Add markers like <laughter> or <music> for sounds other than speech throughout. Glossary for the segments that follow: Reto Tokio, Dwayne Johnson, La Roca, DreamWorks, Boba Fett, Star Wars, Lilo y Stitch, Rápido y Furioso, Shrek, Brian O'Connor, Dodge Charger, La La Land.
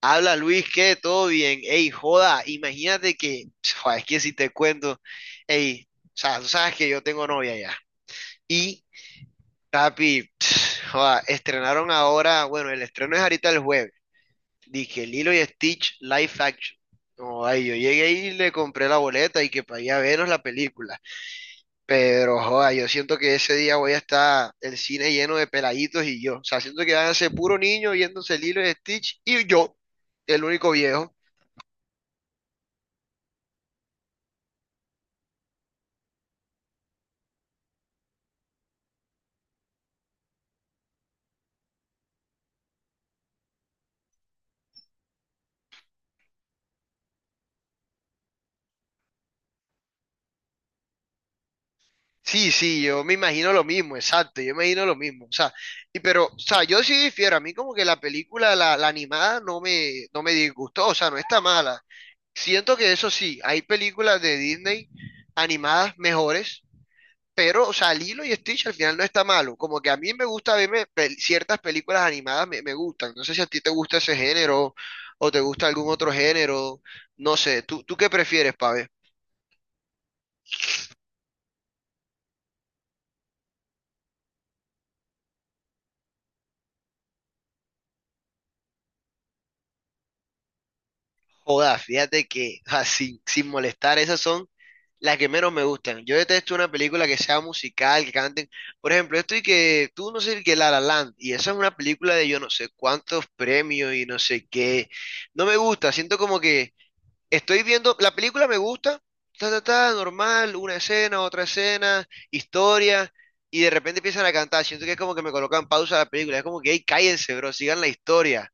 Habla Luis, ¿qué? Todo bien. Ey, joda, imagínate que. Joda, es que si te cuento, ey, o sea, tú sabes que yo tengo novia ya. Y papi, <sniffs> <tsk> joda, estrenaron ahora, bueno, el estreno es ahorita el jueves. Dije Lilo y Stitch Live Action. Joda, y yo llegué y le compré la boleta y que para ir a vernos la película. Pero, joda, yo siento que ese día voy a estar el cine lleno de peladitos y yo. O sea, siento que van a ser puro niño viéndose Lilo y Stitch y yo, el único viejo. Sí, sí, yo me imagino lo mismo, exacto, yo me imagino lo mismo, o sea, y pero, o sea, yo sí difiero, a mí como que la película, la animada, no me disgustó, o sea, no está mala. Siento que eso sí, hay películas de Disney animadas mejores, pero, o sea, Lilo y Stitch al final no está malo, como que a mí me gusta verme ciertas películas animadas, me gustan, no sé si a ti te gusta ese género o te gusta algún otro género, no sé, ¿tú qué prefieres, Pabé? Joda, fíjate que, o sea, sin molestar, esas son las que menos me gustan. Yo detesto una película que sea musical, que canten. Por ejemplo, esto y que tú no sé qué La La Land, y esa es una película de yo no sé cuántos premios y no sé qué. No me gusta, siento como que estoy viendo, la película me gusta, ta, ta, ta, normal, una escena, otra escena, historia, y de repente empiezan a cantar. Siento que es como que me colocan pausa a la película, es como que, hey, cállense, bro, sigan la historia.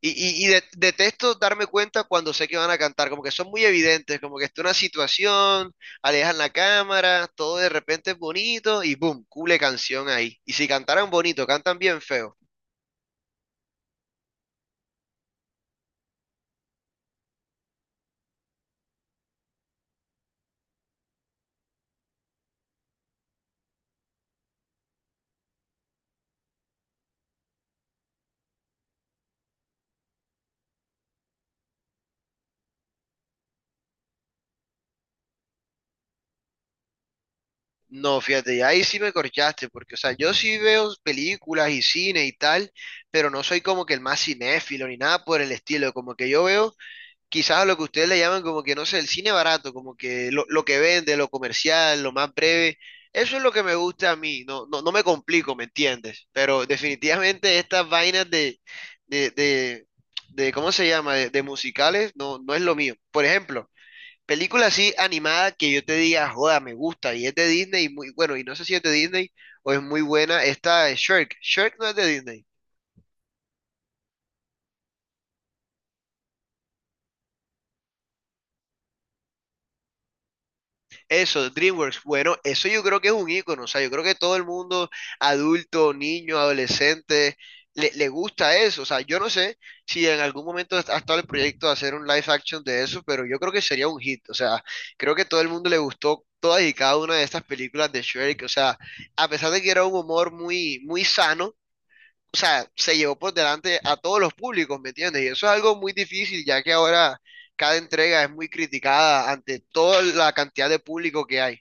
Y detesto darme cuenta cuando sé que van a cantar, como que son muy evidentes, como que está una situación, alejan la cámara, todo de repente es bonito y boom, cule canción ahí. Y si cantaran bonito, cantan bien feo. No, fíjate, y ahí sí me corchaste, porque, o sea, yo sí veo películas y cine y tal, pero no soy como que el más cinéfilo ni nada por el estilo, como que yo veo quizás a lo que ustedes le llaman como que, no sé, el cine barato, como que lo que vende, lo comercial, lo más breve. Eso es lo que me gusta a mí, no me complico, ¿me entiendes? Pero definitivamente estas vainas de, de, de ¿cómo se llama? De musicales, no es lo mío. Por ejemplo, película así animada que yo te diga, joda, me gusta, y es de Disney, y muy, bueno, y no sé si es de Disney o es muy buena, esta de Shrek. Shrek no es de Disney. Eso, DreamWorks. Bueno, eso yo creo que es un icono. O sea, yo creo que todo el mundo, adulto, niño, adolescente, le gusta eso. O sea, yo no sé si en algún momento ha estado el proyecto de hacer un live action de eso, pero yo creo que sería un hit. O sea, creo que todo el mundo le gustó todas y cada una de estas películas de Shrek. O sea, a pesar de que era un humor muy, muy sano, o sea, se llevó por delante a todos los públicos, ¿me entiendes? Y eso es algo muy difícil, ya que ahora cada entrega es muy criticada ante toda la cantidad de público que hay.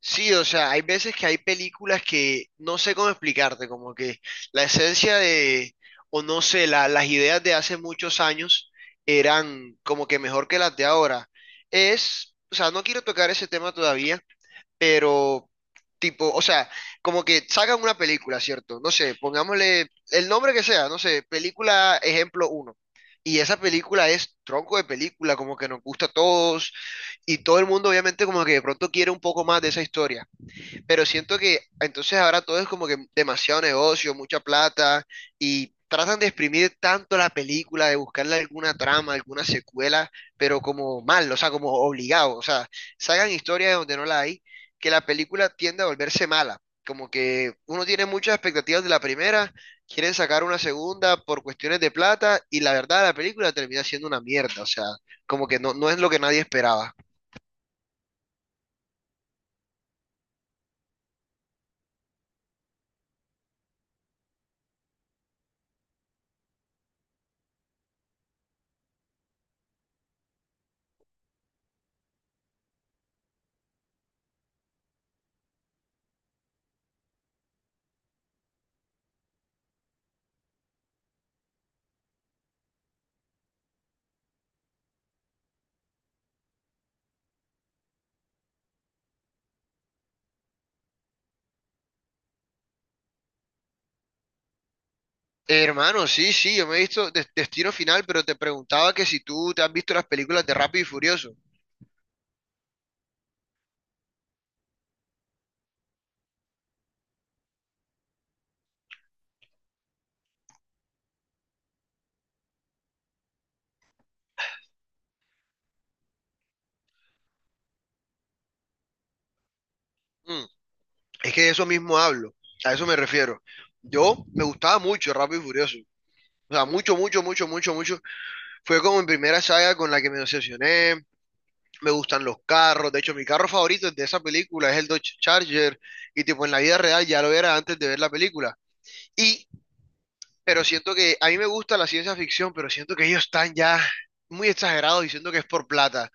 Sí, o sea, hay veces que hay películas que no sé cómo explicarte, como que la esencia de, o no sé, las ideas de hace muchos años eran como que mejor que las de ahora. Es, o sea, no quiero tocar ese tema todavía, pero tipo, o sea, como que sacan una película, ¿cierto? No sé, pongámosle el nombre que sea, no sé, película ejemplo uno. Y esa película es tronco de película, como que nos gusta a todos y todo el mundo obviamente como que de pronto quiere un poco más de esa historia, pero siento que entonces ahora todo es como que demasiado negocio, mucha plata, y tratan de exprimir tanto la película, de buscarle alguna trama, alguna secuela, pero como mal, o sea, como obligado, o sea, sacan historias de donde no la hay, que la película tiende a volverse mala. Como que uno tiene muchas expectativas de la primera, quieren sacar una segunda por cuestiones de plata y la verdad la película termina siendo una mierda, o sea, como que no es lo que nadie esperaba. Hermano, sí, sí, yo me he visto Destino Final, pero te preguntaba que si tú te has visto las películas de Rápido y Furioso. Mm, es que de eso mismo hablo, a eso me refiero. Yo me gustaba mucho Rápido y Furioso. O sea, mucho, mucho, mucho, mucho, mucho. Fue como mi primera saga con la que me obsesioné. Me gustan los carros. De hecho, mi carro favorito de esa película es el Dodge Charger. Y tipo, en la vida real ya lo era antes de ver la película. Y pero siento que a mí me gusta la ciencia ficción, pero siento que ellos están ya muy exagerados y siento que es por plata.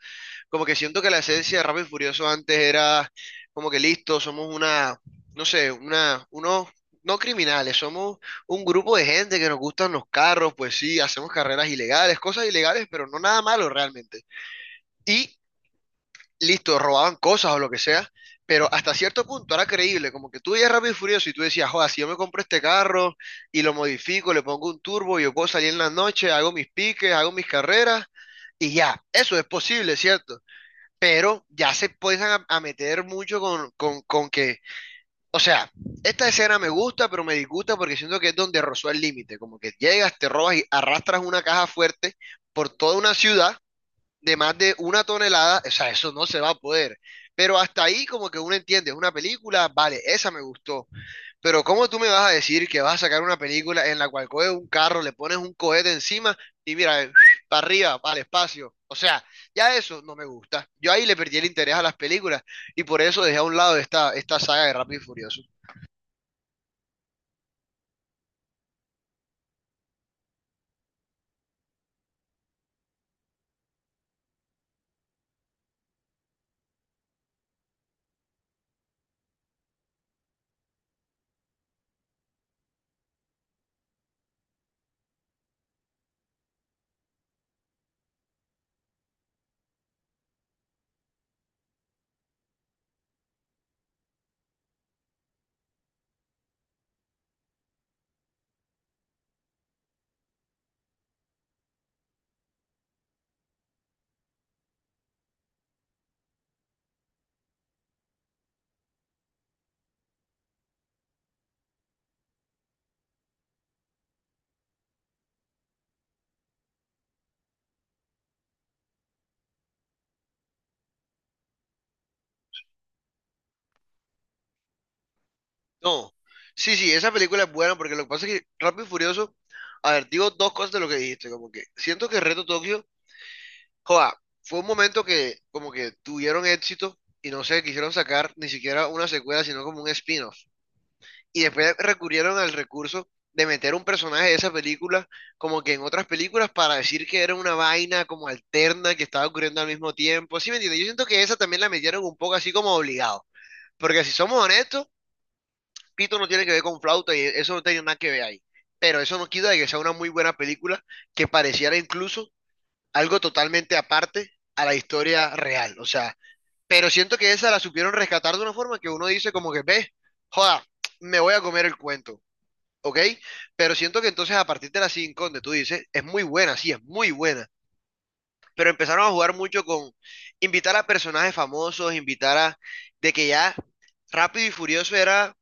Como que siento que la esencia de Rápido y Furioso antes era como que listo, somos una, no sé, unos, no criminales, somos un grupo de gente que nos gustan los carros, pues sí, hacemos carreras ilegales, cosas ilegales, pero no nada malo realmente. Y listo, robaban cosas o lo que sea, pero hasta cierto punto era creíble, como que tú veías Rápido y Furioso y tú decías, joder, si yo me compro este carro y lo modifico, le pongo un turbo, yo puedo salir en la noche, hago mis piques, hago mis carreras. Y ya, eso es posible, ¿cierto? Pero ya se empiezan a meter mucho con que, o sea, esta escena me gusta, pero me disgusta porque siento que es donde rozó el límite, como que llegas, te robas y arrastras una caja fuerte por toda una ciudad de más de una tonelada, o sea, eso no se va a poder. Pero hasta ahí como que uno entiende, es una película, vale, esa me gustó, pero ¿cómo tú me vas a decir que vas a sacar una película en la cual coges un carro, le pones un cohete encima y mira, <smacks lips> para arriba, para el espacio? O sea, ya eso no me gusta. Yo ahí le perdí el interés a las películas y por eso dejé a un lado esta saga de Rápido y Furioso. No, sí, sí, esa película es buena porque lo que pasa es que Rápido y Furioso, a ver, digo dos cosas de lo que dijiste, como que siento que Reto Tokio, joa, fue un momento que como que tuvieron éxito y no se quisieron sacar ni siquiera una secuela, sino como un spin-off. Y después recurrieron al recurso de meter un personaje de esa película como que en otras películas para decir que era una vaina como alterna que estaba ocurriendo al mismo tiempo. ¿Sí me entiendes? Yo siento que esa también la metieron un poco así como obligado. Porque si somos honestos, Pito no tiene que ver con flauta y eso no tiene nada que ver ahí. Pero eso no quita de que sea una muy buena película que pareciera incluso algo totalmente aparte a la historia real. O sea, pero siento que esa la supieron rescatar de una forma que uno dice como que, ve, joda, me voy a comer el cuento. ¿Ok? Pero siento que entonces a partir de las 5 donde tú dices, es muy buena, sí, es muy buena, pero empezaron a jugar mucho con invitar a personajes famosos, invitar a, de que ya Rápido y Furioso era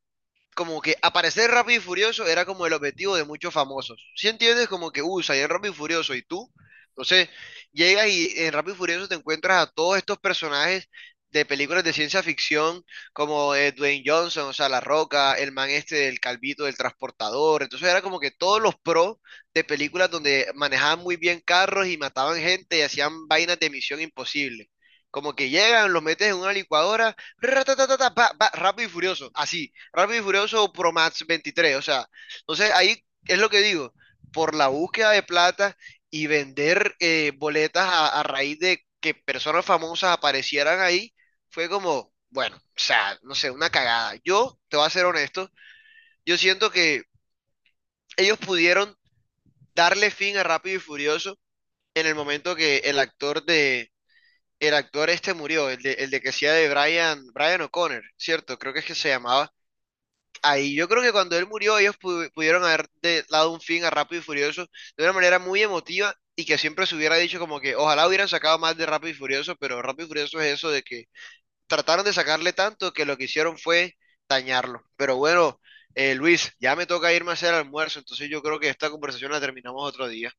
como que aparecer rápido y furioso era como el objetivo de muchos famosos. Si entiendes, como que usa y en rápido y furioso y tú. Entonces, llegas y en Rápido y Furioso te encuentras a todos estos personajes de películas de ciencia ficción, como Dwayne Johnson, o sea, La Roca, el man este del Calvito, del transportador. Entonces, era como que todos los pros de películas donde manejaban muy bien carros y mataban gente y hacían vainas de misión imposible. Como que llegan, los metes en una licuadora, ratatatata, pa, pa, Rápido y Furioso, así, Rápido y Furioso o Pro Max 23, o sea, entonces ahí es lo que digo, por la búsqueda de plata y vender boletas a raíz de que personas famosas aparecieran ahí, fue como, bueno, o sea, no sé, una cagada. Yo, te voy a ser honesto, yo siento que ellos pudieron darle fin a Rápido y Furioso en el momento que el actor de, el actor este murió, el de, que hacía de Brian, Brian O'Connor, ¿cierto? Creo que es que se llamaba, ahí yo creo que cuando él murió, ellos pudieron dado un fin a Rápido y Furioso de una manera muy emotiva y que siempre se hubiera dicho como que ojalá hubieran sacado más de Rápido y Furioso, pero Rápido y Furioso es eso de que trataron de sacarle tanto que lo que hicieron fue dañarlo. Pero bueno, Luis, ya me toca irme a hacer almuerzo, entonces yo creo que esta conversación la terminamos otro día.